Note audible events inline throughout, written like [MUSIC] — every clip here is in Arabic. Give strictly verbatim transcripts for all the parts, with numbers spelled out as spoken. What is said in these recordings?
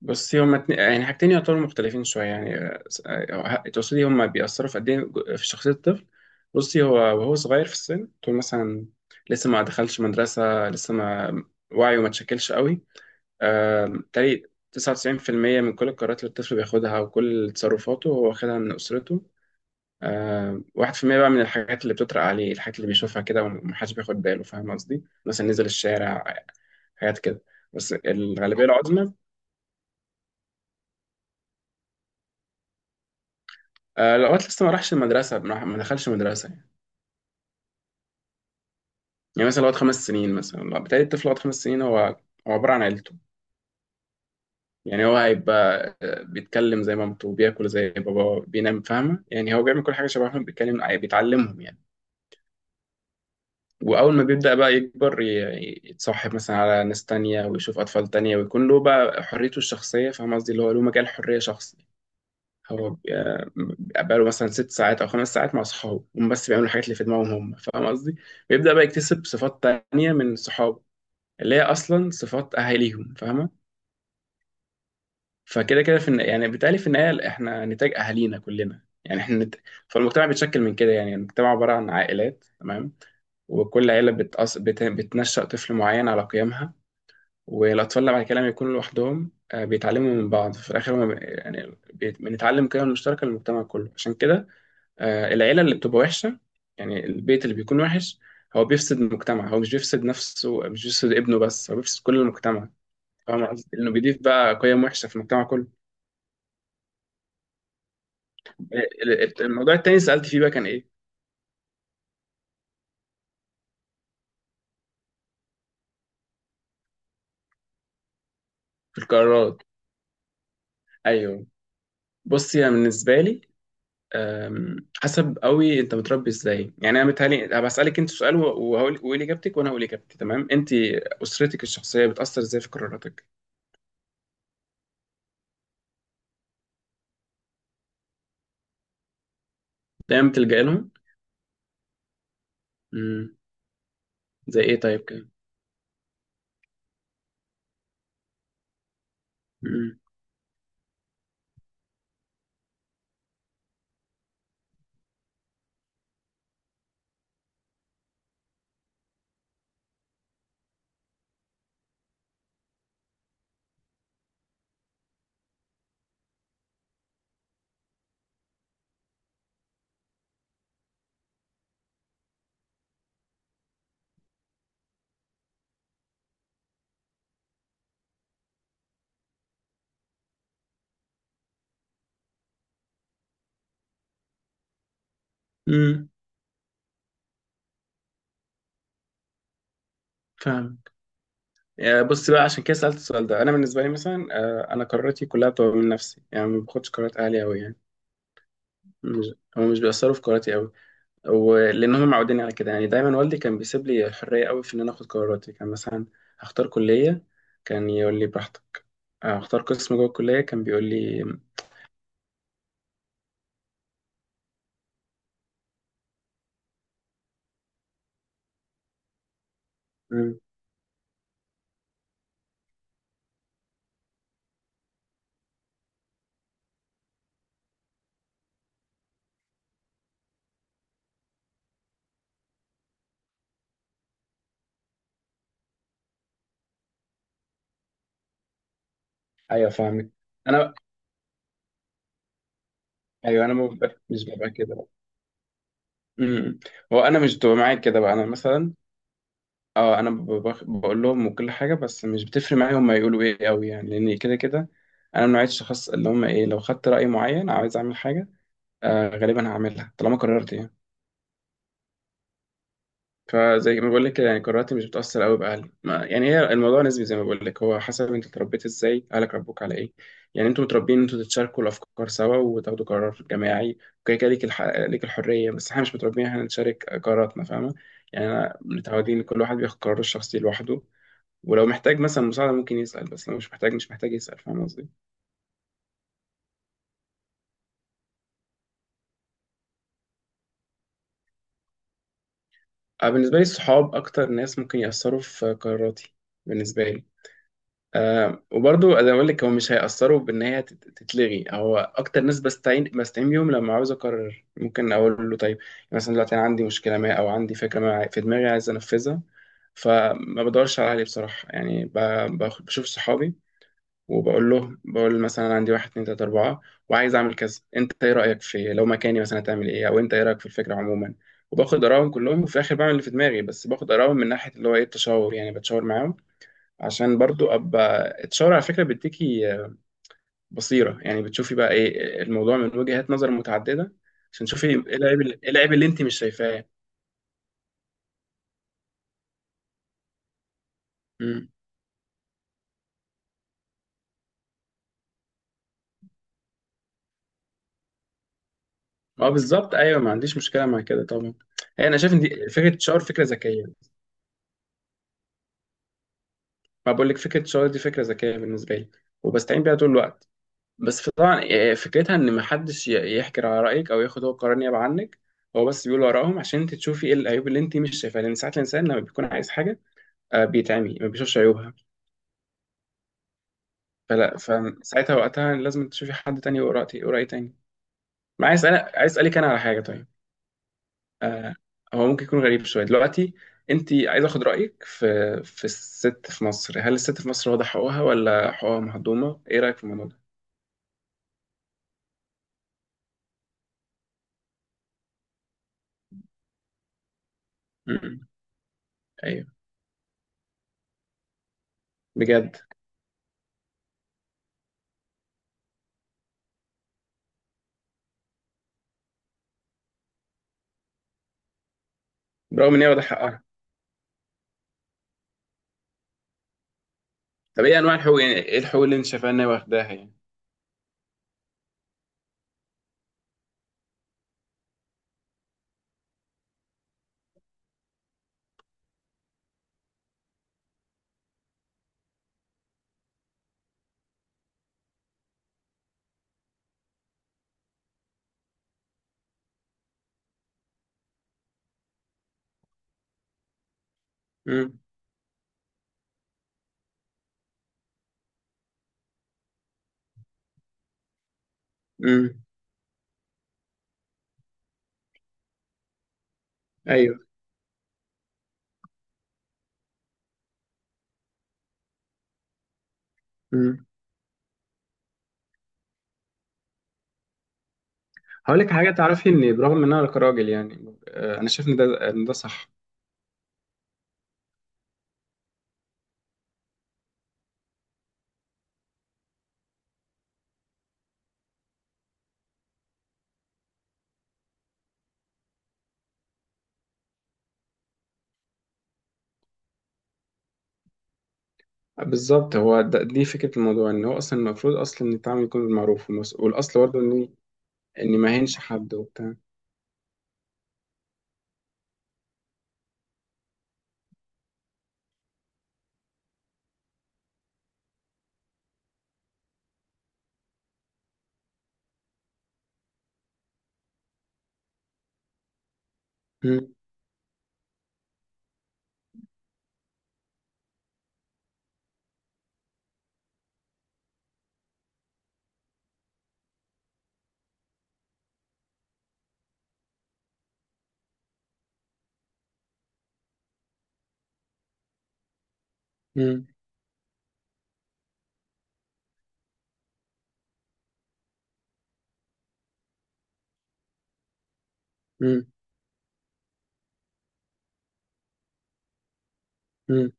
بس هما اتنين- يعني حاجتين يعتبروا مختلفين شوية يعني آه، آه، تقصدي هما بيأثروا في قد إيه جو- في شخصية الطفل. بصي، هو وهو صغير في السن، طول مثلا لسه ما دخلش مدرسة، لسه ما وعيه ما اتشكلش قوي. آه، تقريبا تسعة وتسعون في المئة من كل القرارات اللي الطفل بياخدها، وكل تصرفاته هو واخدها من أسرته. آه، واحد في المئة بقى من الحاجات اللي بتطرق عليه، الحاجات اللي بيشوفها كده ومحدش بياخد باله، فاهم قصدي؟ مثلا نزل الشارع، حاجات كده. بس الغالبية العظمى. آه، لو الوقت لسه ما راحش المدرسة، ما راح- ما دخلش مدرسة يعني. يعني مثلا لو قعد خمس سنين، مثلا لو- بالتالي الطفل لو قعد خمس سنين، هو هو عبارة عن عيلته. يعني هو هيبقى آه، بيتكلم زي مامته، بياكل زي باباه، بينام، فاهمة؟ يعني هو بيعمل كل حاجة شبههم، بيتكلم آه، بيتعلمهم يعني. وأول ما بيبدأ بقى يكبر، ي- يتصاحب مثلا على ناس تانية، ويشوف أطفال تانية، ويكون له بقى حريته الشخصية، فاهم قصدي؟ اللي هو له مجال حرية شخص. هو بي- آه، بقاله مثلا ست ساعات او خمس ساعات مع صحابه، هم بس بيعملوا الحاجات اللي في دماغهم هم، فاهم قصدي؟ بيبدا بقى يكتسب صفات تانية من صحابه، اللي هي اصلا صفات اهاليهم، فاهمه؟ فكده كده في الن- يعني بالتالي في النهايه احنا نتاج اهالينا كلنا، يعني احنا نت... فالمجتمع بيتشكل من كده، يعني المجتمع عباره عن عائلات، تمام. وكل عيله بتأص... بت... بتنشأ طفل معين على قيمها. والاطفال اللي بعد كده لما يكونوا لوحدهم آه، بيتعلموا من بعض في الاخر هم، يعني بي- بنتعلم قيم مشتركه للمجتمع كله، عشان كده. آه، العيلة اللي بتبقى وحشة، يعني البيت اللي بيكون وحش، هو بيفسد المجتمع، هو مش بيفسد نفسه، مش بيفسد ابنه بس، هو بيفسد كل المجتمع. فاهم قصدي؟ لأنه بيضيف بقى قيم وحشة في المجتمع كله. ال- ال- الموضوع التاني اللي سألت فيه بقى كان إيه؟ في القرارات. أيوه. بصي، أنا بالنسبة لي أم، حسب قوي أنت متربي إزاي. يعني أنا متهيألي أنا بسألك أنت سؤال، وه- وهقول وقولي إجابتك وأنا هقول إجابتي، تمام؟ أنت أسرتك الشخصية بتأثر إزاي في قراراتك؟ دايما بتلجأ لهم؟ مم. زي إيه طيب كده؟ مم. مم. فاهم. يعني بص بقى، عشان كده سألت السؤال ده. انا بالنسبه لي مثلا آه، انا قراراتي كلها بتبقى من نفسي، يعني ما باخدش قرارات اهلي قوي يعني. مش، هم مش بيأثروا في قراراتي قوي. ولان هم معودين على كده، يعني دايما والدي كان بيسيب لي الحريه قوي في ان انا اخد قراراتي. كان مثلا هختار كليه، كان يقول لي براحتك، آه، هختار قسم جوه الكليه كان بيقول لي. مم، ايوه، فاهمك. انا ايوه، انا ما ببقى- مش ببقى كده بقى. مم. هو انا مش بتبقى معايا كده بقى. انا مثلا اه انا ب- بخ- بقول لهم وكل حاجه، بس مش بتفرق معايا هم يقولوا ايه قوي، يعني لان كده كده. انا من نوعيه الشخص اللي، هم ايه، لو خدت راي معين عايز اعمل حاجه، آه غالبا هعملها طالما قررت يعني. فزي ما بقول لك كده، يعني قراراتي مش بتاثر قوي باهلي. ما يعني هي الموضوع نسبي، زي ما بقول لك هو حسب انت اتربيت ازاي، اهلك ربوك على ايه. يعني انتوا متربيين ان انتوا تتشاركوا الافكار سوا، وتاخدوا قرار جماعي وكده كده، ليك الح... ليك الحريه. بس احنا مش متربيين إن احنا نشارك قراراتنا، فاهمه. يعني انا متعودين كل واحد بياخد قراره الشخصي لوحده، ولو محتاج مثلا مساعدة ممكن يسأل، بس لو مش محتاج مش محتاج يسأل، فاهم قصدي؟ أنا بالنسبة لي، الصحاب أكتر ناس ممكن يأثروا في قراراتي بالنسبة لي. أه، وبرضو أنا بقول لك هو مش هيأثروا بإن هي تت- تتلغي. هو أكتر ناس بستعين بستعين بيهم لما عاوز أقرر، ممكن أقول له طيب. مثلا دلوقتي أنا عندي مشكلة ما، أو عندي فكرة ما عاي- في دماغي عايز أنفذها. فما بدورش على أهلي بصراحة، يعني ب- بخ- بشوف صحابي. وبقول له، بقول مثلا عندي واحد، اتنين، تلاته، اربعه، وعايز اعمل كذا، انت ايه رايك؟ في لو مكاني مثلا هتعمل ايه، او انت ايه رايك في الفكره عموما. وباخد ارائهم كلهم، وفي الاخر بعمل اللي في دماغي، بس باخد ارائهم من ناحيه اللي هو ايه التشاور، يعني بتشاور معاهم. عشان برضو ابقى التشاور على فكره بيديكي آه، بصيره، يعني بتشوفي بقى ايه الموضوع من وجهات نظر متعدده. عشان تشوفي ايه العيب، ايه العيب اللي انت مش شايفاه. امم اه، بالظبط، ايوه، ما عنديش مشكله مع كده طبعا. يعني انا شايف ان دي فكره التشاور فكره ذكيه، ما بقول لك فكره الشغل دي فكره ذكيه بالنسبه لي، وبستعين بيها طول الوقت. بس طبعا آه، فكرتها ان محدش ي- يحكي على رايك، او ياخد هو قرار نيابه عنك. هو بس بيقول وراهم عشان انت تشوفي ايه العيوب اللي انت مش شايفاها، لان ساعات الانسان لما بيكون عايز حاجه آه، بيتعمي ما بيشوفش عيوبها. فلا، فساعتها وقتها لازم تشوفي حد تاني يقرا، يقرا ايه تاني. ما عايز اسالك، عايز اسالك انا على حاجه طيب. آه، هو ممكن يكون غريب شويه دلوقتي. انت عايز اخد رايك في، في الست في مصر. هل الست في مصر واضح حقوقها ولا حقوقها مهضومه؟ ايه رايك في الموضوع ده؟ ايوه، بجد، برغم ان هي واخده حقها. طب ايه انواع الحقوق، يعني ايه الحقوق اللي انت شايفها ان هي واخداها يعني. امم. امم. ايوه. امم. هقول لك حاجه تعرفي، ان برغم ان انا كراجل يعني آه، انا شايف ان ده ان ده صح. بالظبط، هو ده دي فكره الموضوع، ان هو اصلا المفروض اصلا ان التعامل يكون بالمعروف، والمس- والاصل برضه ان ان ما يهينش حد وبتاع. امم. امم. امم. امم.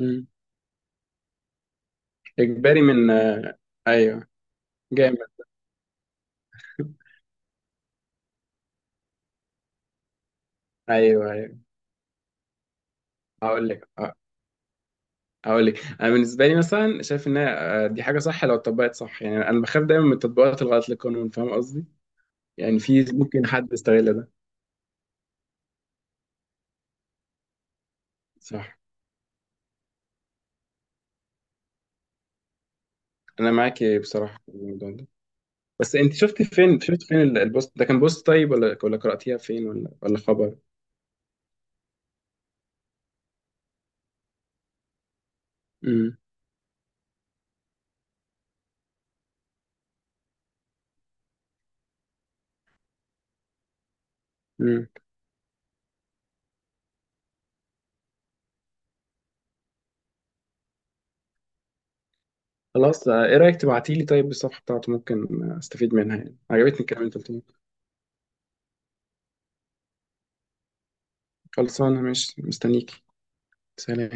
أمم. اجباري من آه، ايوه. جامد. [LAUGHS] ايوه، ايوه، هقول لك. هاقول لِك، أنا بالنسبة لي مثلًا شايف إن هي آآ، دي حاجة صح لو اتطبّقت صح، يعني أنا باخاف دايمًا من التطبيقات الغلط للقانون، فاهمة قصدي؟ يعني في ممكن حد يستغل ده، صح، أنا معاكِ بصراحة في الموضوع ده. بس أنتِ شُفتِ فين شُفتِ فين ال الpost ده، كان post طيب والّا والّا قرأتيها فين والّا والّا خبر؟ إمم. إمم. خلاص آه، إيه رأيِك تبعتي لي طيب الصفحة بتاعته، ممكن آه، أستفيد منها يعني، عجبتني الكلام اللي أنتِ قُلتيه. خلصانة ماشي، مستنيكِ. سلام.